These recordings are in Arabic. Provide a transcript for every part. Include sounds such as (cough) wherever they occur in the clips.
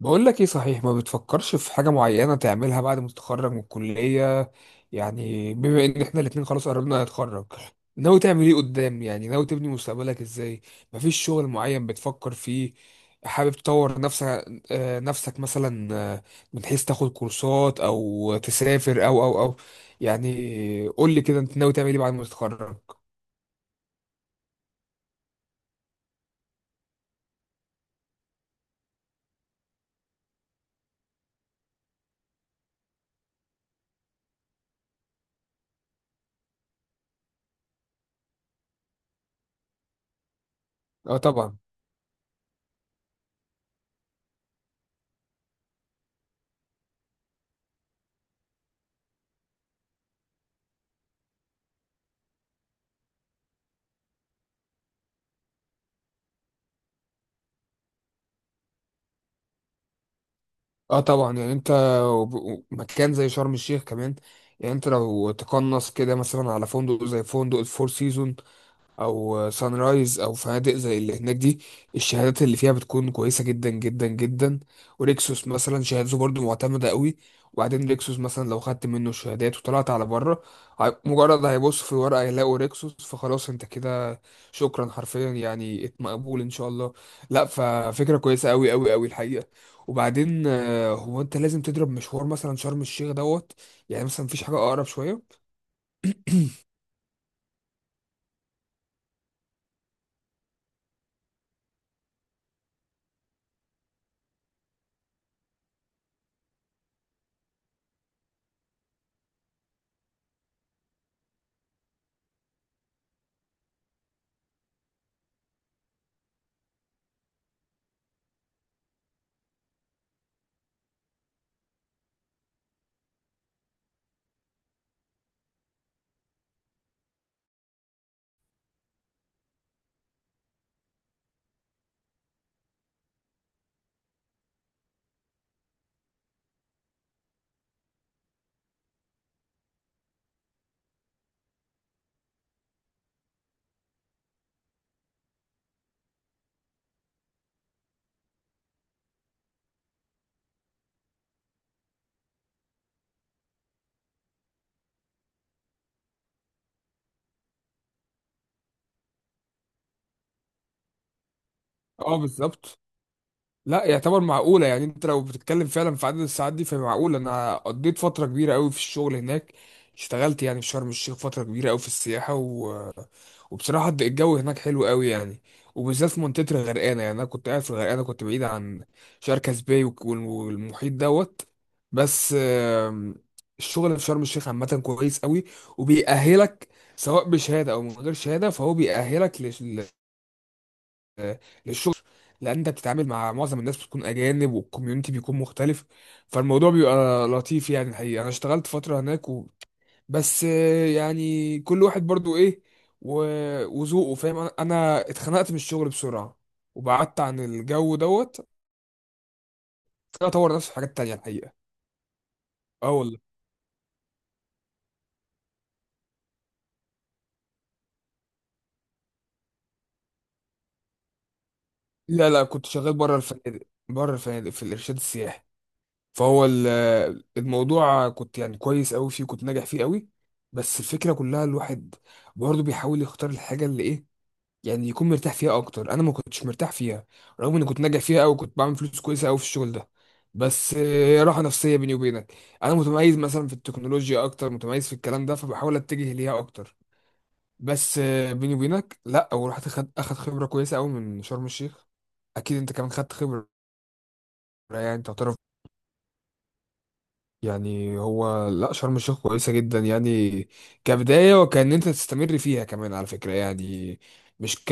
بقول لك ايه، صحيح ما بتفكرش في حاجة معينة تعملها بعد ما تتخرج من الكلية؟ يعني بما ان احنا الاتنين خلاص قربنا نتخرج، ناوي تعمل ايه قدام؟ يعني ناوي تبني مستقبلك ازاي؟ مفيش شغل معين بتفكر فيه؟ حابب تطور نفسك؟ نفسك مثلا. آه، من حيث تاخد كورسات او تسافر او. يعني قول لي كده، انت ناوي تعمل ايه بعد ما تتخرج؟ اه طبعا. اه طبعا، يعني انت مكان زي شرم الشيخ كمان، يعني انت لو تقنص كده مثلا على فندق زي فندق الفور سيزون او سان رايز او فنادق زي اللي هناك دي، الشهادات اللي فيها بتكون كويسه جدا جدا جدا. وريكسوس مثلا شهادته برضو معتمده قوي. وبعدين ريكسوس مثلا لو خدت منه الشهادات وطلعت على بره، مجرد هيبص في الورقه يلاقوا ريكسوس فخلاص انت كده، شكرا حرفيا. يعني مقبول ان شاء الله. لا، ففكره كويسه قوي قوي قوي الحقيقه. وبعدين هو انت لازم تضرب مشوار مثلا شرم الشيخ دوت؟ يعني مثلا مفيش حاجه اقرب شويه؟ اه بالظبط. لا، يعتبر معقولة. يعني انت لو بتتكلم فعلا في عدد الساعات دي فهي معقولة. انا قضيت فترة كبيرة قوي في الشغل هناك، اشتغلت يعني في شرم الشيخ فترة كبيرة قوي في السياحة وبصراحة الجو هناك حلو قوي يعني. وبالذات في منطقة الغرقانة، يعني انا كنت قاعد في الغرقانة، كنت بعيد عن شركة سباي والمحيط دوت. بس الشغل في شرم الشيخ عامة كويس قوي وبيأهلك، سواء بشهادة او من غير شهادة فهو بيأهلك الشغل. لان انت بتتعامل مع معظم الناس بتكون اجانب والكوميونتي بيكون مختلف، فالموضوع بيبقى لطيف يعني. الحقيقه انا اشتغلت فتره هناك بس يعني كل واحد برضو ايه و... وذوقه، فاهم. أنا اتخنقت من الشغل بسرعه، وبعدت عن الجو دوت. أنا اطور نفسي في حاجات تانية الحقيقه. اه والله، لا لا، كنت شغال بره الفنادق. بره الفنادق في الارشاد السياحي. فهو الموضوع كنت يعني كويس قوي فيه، كنت ناجح فيه قوي. بس الفكره كلها الواحد برضه بيحاول يختار الحاجه اللي ايه، يعني يكون مرتاح فيها اكتر. انا ما كنتش مرتاح فيها رغم اني كنت ناجح فيها قوي، كنت بعمل فلوس كويسه قوي في الشغل ده. بس راحه نفسيه، بيني وبينك. انا متميز مثلا في التكنولوجيا اكتر، متميز في الكلام ده فبحاول اتجه ليها اكتر. بس بيني وبينك، لا. ورحت اخد خبره كويسه قوي من شرم الشيخ. اكيد انت كمان خدت خبره. يعني تعتبر، يعني هو لا، شرم الشيخ كويسة جدا يعني كبداية، وكأن انت تستمر فيها كمان على فكرة يعني. مش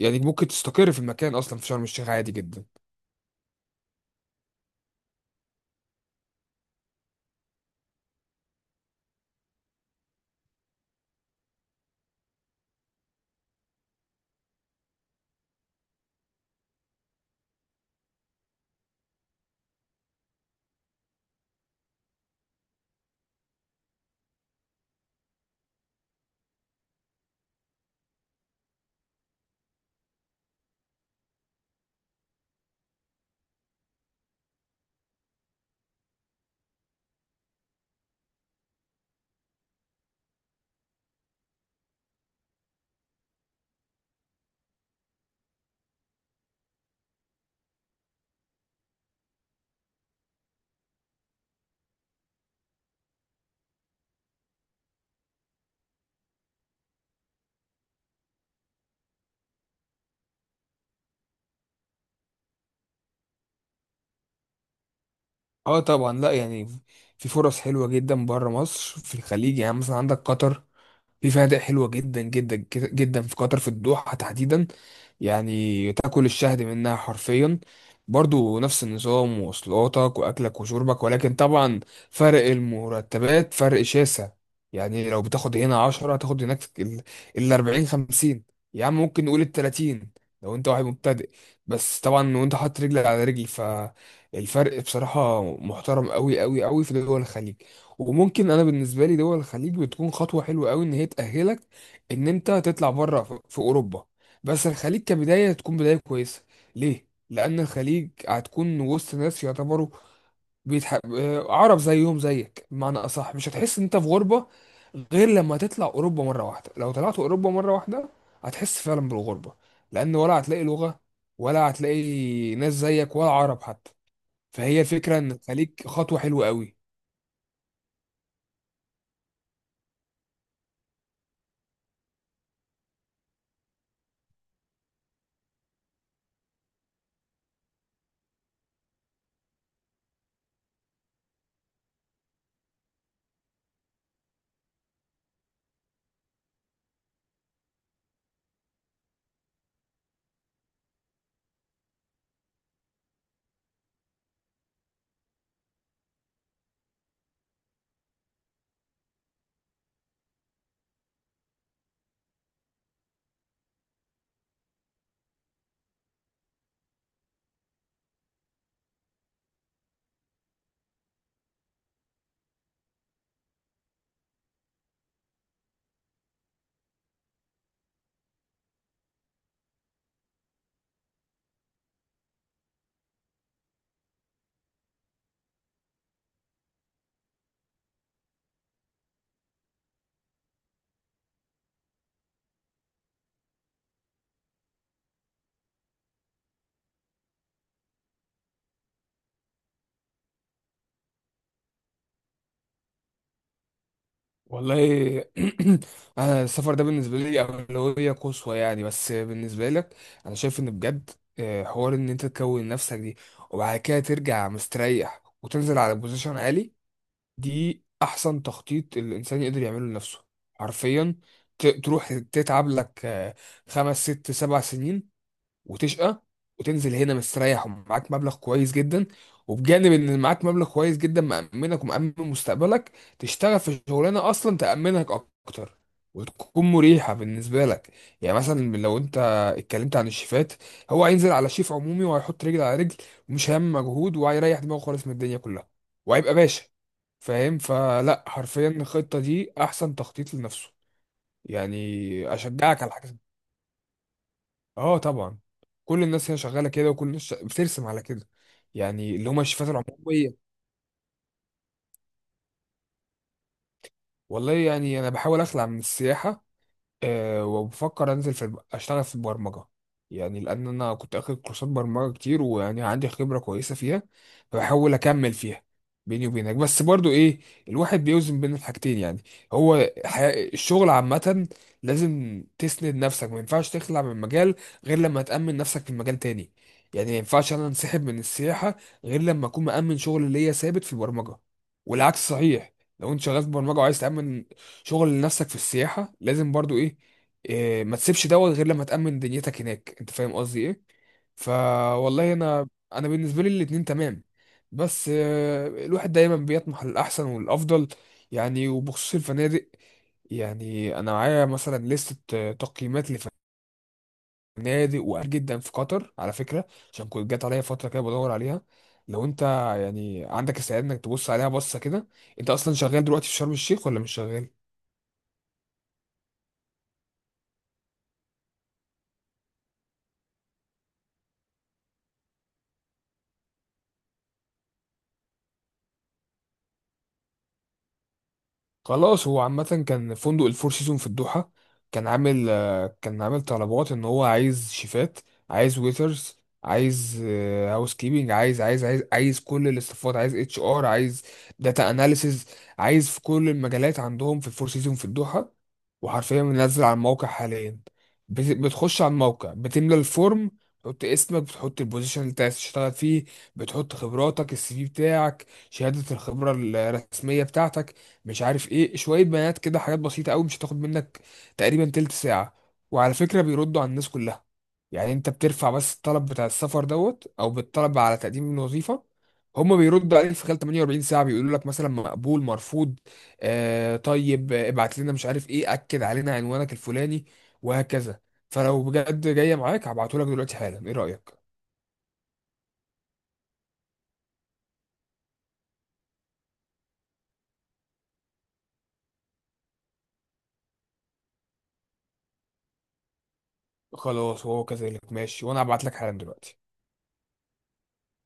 يعني ممكن تستقر في المكان اصلا في شرم الشيخ عادي جدا. اه طبعا لا، يعني في فرص حلوة جدا بره مصر في الخليج. يعني مثلا عندك قطر، في فنادق حلوة جدا جدا جدا في قطر، في الدوحة تحديدا. يعني تاكل الشهد منها حرفيا. برضو نفس النظام ومواصلاتك وأكلك وشربك، ولكن طبعا فرق المرتبات فرق شاسع. يعني لو بتاخد هنا 10 هتاخد هناك 40 50، يا عم ممكن نقول 30 لو انت واحد مبتدئ. بس طبعا وانت حاطط رجل على رجل فالفرق بصراحة محترم قوي قوي قوي في دول الخليج. وممكن، انا بالنسبه لي دول الخليج بتكون خطوه حلوه قوي، ان هي تاهلك ان انت تطلع بره في في اوروبا. بس الخليج كبدايه تكون بدايه كويسه، ليه؟ لان الخليج هتكون وسط ناس يعتبروا بيتح... آه، عرب، زيهم زيك، بمعنى اصح مش هتحس ان انت في غربه، غير لما تطلع اوروبا مره واحده. لو طلعت اوروبا مره واحده هتحس فعلا بالغربه، لان ولا هتلاقي لغه ولا هتلاقي ناس زيك ولا عرب حتى. فهي الفكره ان الخليج خطوه حلوه قوي. والله (clears throat) انا السفر ده بالنسبه لي اولويه قصوى يعني. بس بالنسبه لك، انا شايف ان بجد حوار ان انت تكون نفسك دي، وبعد كده ترجع مستريح وتنزل على بوزيشن عالي، دي احسن تخطيط الانسان يقدر يعمله لنفسه، حرفيا. تروح تتعب لك خمس ست سبع سنين وتشقى، وتنزل هنا مستريح ومعاك مبلغ كويس جدا. وبجانب ان معاك مبلغ كويس جدا مأمنك ومأمن مستقبلك، تشتغل في شغلانه اصلا تأمنك اكتر وتكون مريحه بالنسبه لك. يعني مثلا لو انت اتكلمت عن الشيفات، هو هينزل على شيف عمومي وهيحط رجل على رجل ومش هيعمل مجهود وهيريح دماغه خالص من الدنيا كلها، وهيبقى باشا. فاهم؟ فلا، حرفيا الخطه دي احسن تخطيط لنفسه. يعني اشجعك على حاجه. اه طبعا. كل الناس هنا شغاله كده، وكل الناس بترسم على كده، يعني اللي هم الشيفات العموميه. والله يعني انا بحاول اخلع من السياحه، أه، وبفكر انزل في اشتغل في البرمجه. يعني لان انا كنت اخد كورسات برمجه كتير، ويعني عندي خبره كويسه فيها فبحاول اكمل فيها، بيني وبينك. بس برضو ايه، الواحد بيوزن بين الحاجتين يعني. هو الشغل عامه لازم تسند نفسك، ما ينفعش تخلع من مجال غير لما تأمن نفسك في مجال تاني. يعني ما ينفعش انا انسحب من السياحه غير لما اكون مأمن شغل ليا ثابت في البرمجه. والعكس صحيح، لو انت شغال في برمجه وعايز تأمن شغل لنفسك في السياحة، لازم برضو ايه، إيه، ما تسيبش دوت غير لما تأمن دنيتك هناك. انت فاهم قصدي ايه؟ فوالله انا، انا بالنسبة لي الاتنين تمام. بس الواحد دايما بيطمح للأحسن والأفضل. يعني وبخصوص الفنادق، يعني انا معايا مثلا لستة تقييمات لفنادق وقال جدا في قطر على فكرة، عشان كنت جات عليا فترة كده بدور عليها. لو انت يعني عندك استعداد انك تبص عليها بصة كده، انت اصلا شغال دلوقتي في شرم الشيخ ولا مش شغال؟ خلاص. هو عامة كان فندق الفور سيزون في الدوحة كان عامل كان عامل طلبات ان هو عايز شيفات، عايز ويترز، عايز هاوس كيبنج، عايز عايز عايز عايز كل الاستفاضة، عايز اتش ار، عايز داتا اناليسز، عايز في كل المجالات عندهم في الفور سيزون في الدوحة، وحرفيا منزل على الموقع حاليا. بتخش على الموقع، بتملى الفورم، بتحط اسمك، بتحط البوزيشن اللي انت عايز تشتغل فيه، بتحط خبراتك، السي في بتاعك، شهادة الخبرة الرسمية بتاعتك، مش عارف ايه، شوية بيانات كده، حاجات بسيطة قوي مش هتاخد منك تقريبا تلت ساعة. وعلى فكرة بيردوا على الناس كلها. يعني انت بترفع بس الطلب بتاع السفر دوت او بالطلب على تقديم الوظيفة، هما بيردوا عليك في خلال 48 ساعة، بيقولوا لك مثلا مقبول، مرفوض، آه طيب، ابعت لنا مش عارف ايه، اكد علينا عنوانك الفلاني، وهكذا. فلو بجد جاية معاك هبعته لك دلوقتي حالا، ايه رأيك؟ خلاص هو كذلك، ماشي، وانا هبعت لك حالا دلوقتي.